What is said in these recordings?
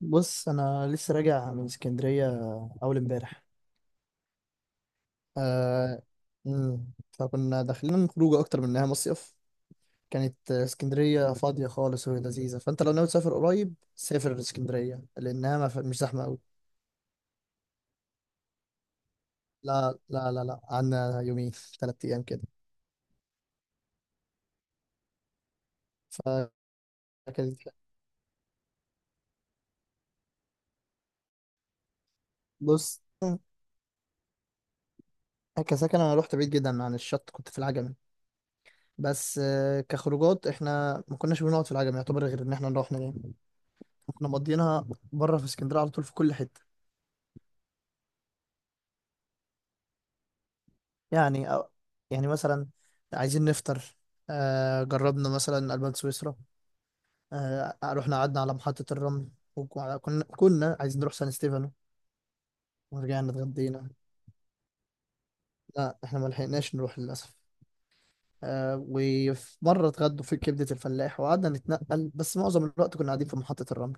بص، انا لسه راجع من اسكندريه، اول امبارح. آه. مم. فكنا داخلين خروجه اكتر من انها مصيف. كانت اسكندريه فاضيه خالص وهي لذيذه، فانت لو ناوي تسافر قريب سافر اسكندريه لانها ما ف- مش زحمه قوي. لا لا لا لا، عندنا يومين، ثلاث ايام كده. فكانت بص، كسكن انا رحت بعيد جدا عن الشط، كنت في العجمي، بس كخروجات احنا ما كناش بنقعد في العجمي يعتبر، غير ان احنا نروح نجي. كنا مضينا بره في اسكندريه على طول في كل حته. يعني يعني مثلا عايزين نفطر، جربنا مثلا ألبان سويسرا. رحنا قعدنا على محطة الرمل. وكنا عايزين نروح سان ستيفانو. ورجعنا اتغدينا. لا، احنا ما لحقناش نروح للأسف. وفي مرة اتغدوا في كبدة الفلاح وقعدنا نتنقل، بس معظم الوقت كنا قاعدين في محطة الرمل.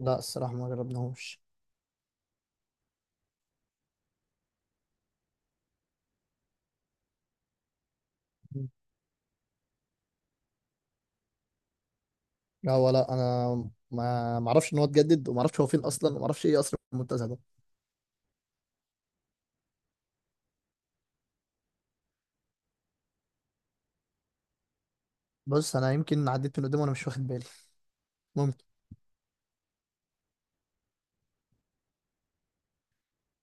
لا الصراحة ما جربناهوش. مم. لا، ولا انا ما ما اعرفش ان هو اتجدد، وما اعرفش هو فين اصلا، وما اعرفش ايه اصلا المنتزه ده. بص انا يمكن عديت من قدامه وانا مش واخد بالي. ممكن.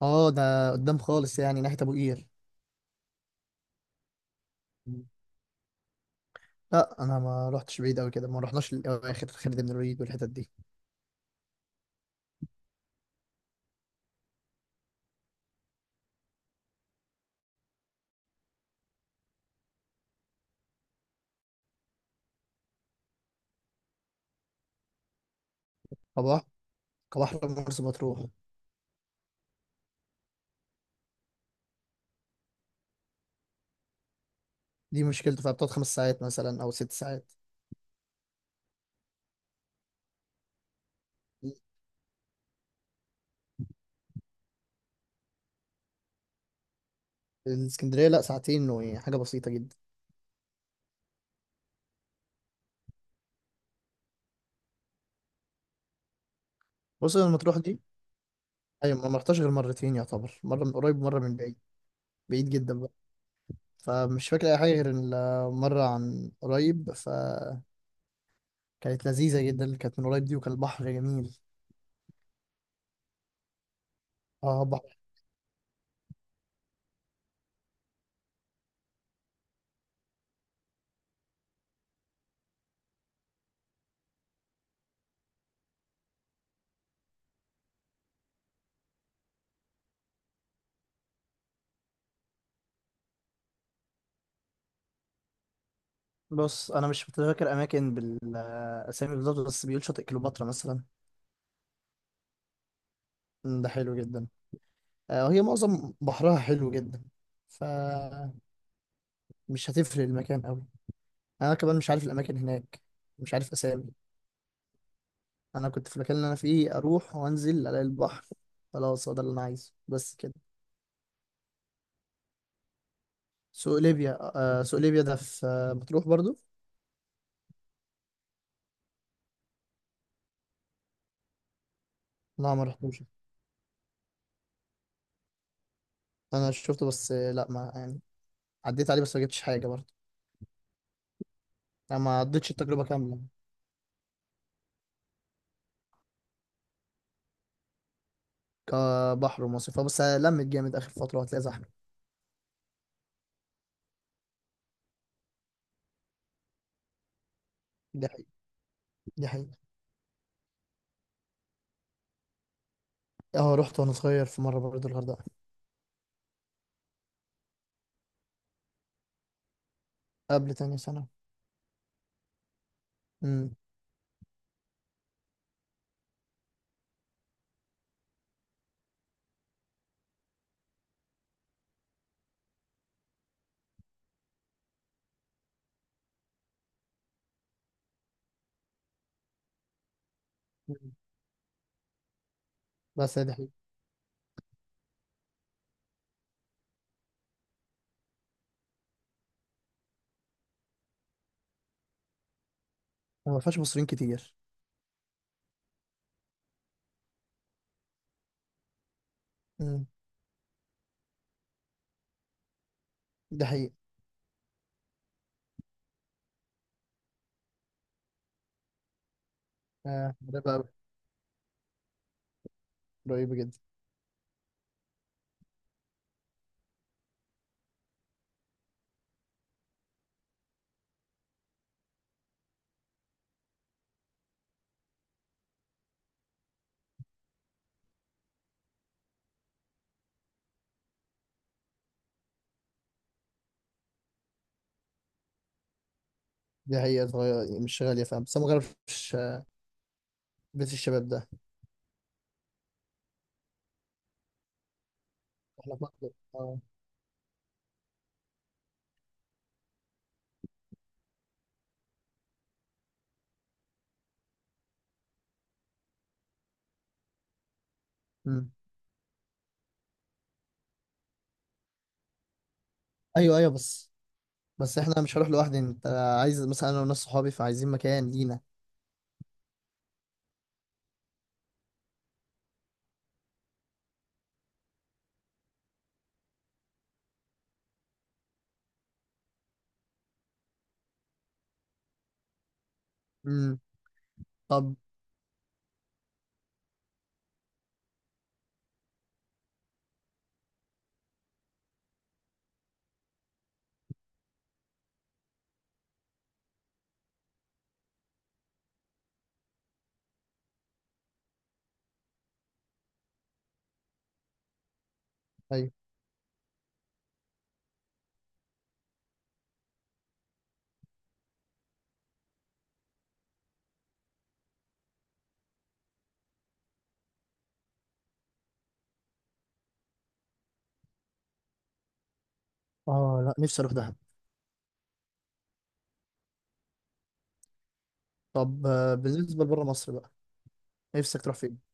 اه، ده قدام خالص يعني ناحية ابو قير. لا، انا ما رحتش بعيد قوي كده، ما رحناش للاخر خالد بن الوليد والحتت دي. كبحر كبحر مرسى مطروح. دي مشكلته فيها بتقعد خمس ساعات مثلا او ست ساعات. الاسكندريه لا، ساعتين وحاجه بسيطه جدا. بص أنا مطروح دي، ايوه ما رحتش غير مرتين يعتبر، مره من قريب ومره من بعيد. بعيد جدا بقى، فمش فاكر اي حاجه غير المره عن قريب، فكانت لذيذه جدا اللي كانت من قريب دي، وكان البحر جميل. اه، بص انا مش متذكر اماكن بالاسامي بالظبط، بس بيقول شاطئ كليوباترا مثلا. ده حلو جدا. وهي معظم بحرها حلو جدا. فمش هتفرق المكان قوي، انا كمان مش عارف الاماكن هناك، مش عارف اسامي. انا كنت في المكان اللي انا فيه اروح وانزل الاقي البحر، خلاص هو ده اللي انا عايزه بس كده. سوق ليبيا، سوق ليبيا ده في مطروح برضو. لا ما رحتوش، انا شفته بس لا ما يعني عديت عليه، بس ما جبتش حاجه برضو. انا ما عدتش التجربه كامله. كبحر ومصيف، بس لمت جامد اخر فتره وهتلاقي زحمه. دي حقيقه، دي حقيقه. اه، رحت وانا صغير في مره برضه الغردقه. قبل تاني سنه. امم بس هي دي حقيقه. وما فيهاش مصريين كتير. امم دي حقيقه. آه، ده بقى قريبه جدا. دي حقيقه، صغير مش غاليه فاهم، بس أنا ما جربتش بيت الشباب ده. احنا في مصر اه. امم. ايوه ايوه، بس بس احنا مش هروح لوحدي. انت عايز مثلا انا وناس صحابي، فعايزين مكان لينا. امم. طب. ايوه. اه. لا، نفسي اروح دهب. طب بالنسبه لبره مصر بقى. نفسك تروح فين؟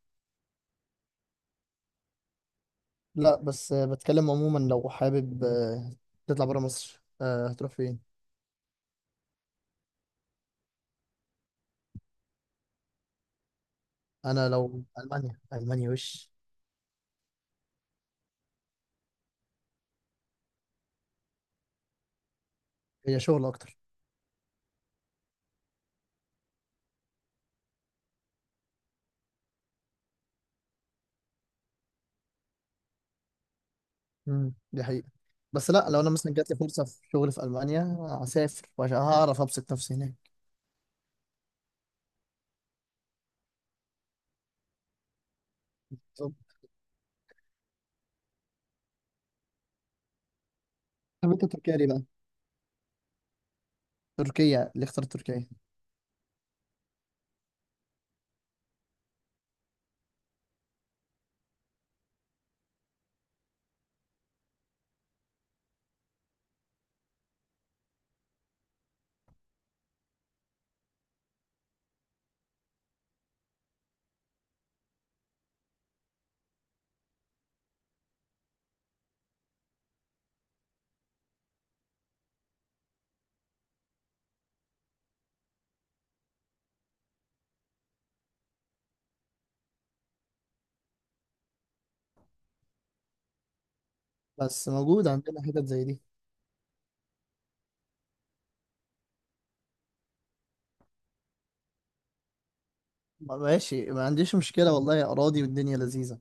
لا، بس بتكلم عموما لو حابب تطلع بره مصر هتروح فين؟ انا لو المانيا، المانيا وش. هي شغل اكتر. دي حقيقة. بس لا، لو انا مثلا جات لي فرصة في شغل في المانيا هسافر، وعشان هعرف ابسط نفسي هناك. طب. طب انت تركيا ليه بقى؟ تركيا اللي اختار تركيا. بس موجود عندنا حتت زي دي. ماشي، ما عنديش مشكلة والله، أراضي والدنيا لذيذة.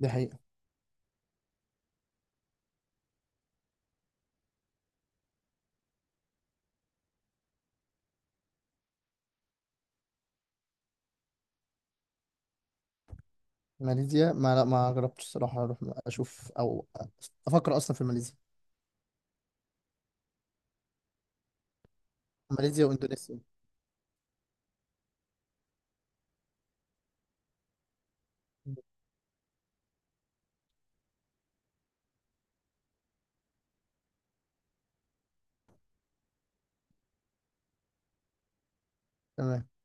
دي حقيقة. ماليزيا ما لا، ما جربتش الصراحة أروح أشوف أو أفكر أصلا في ماليزيا. ماليزيا واندونيسيا. تمام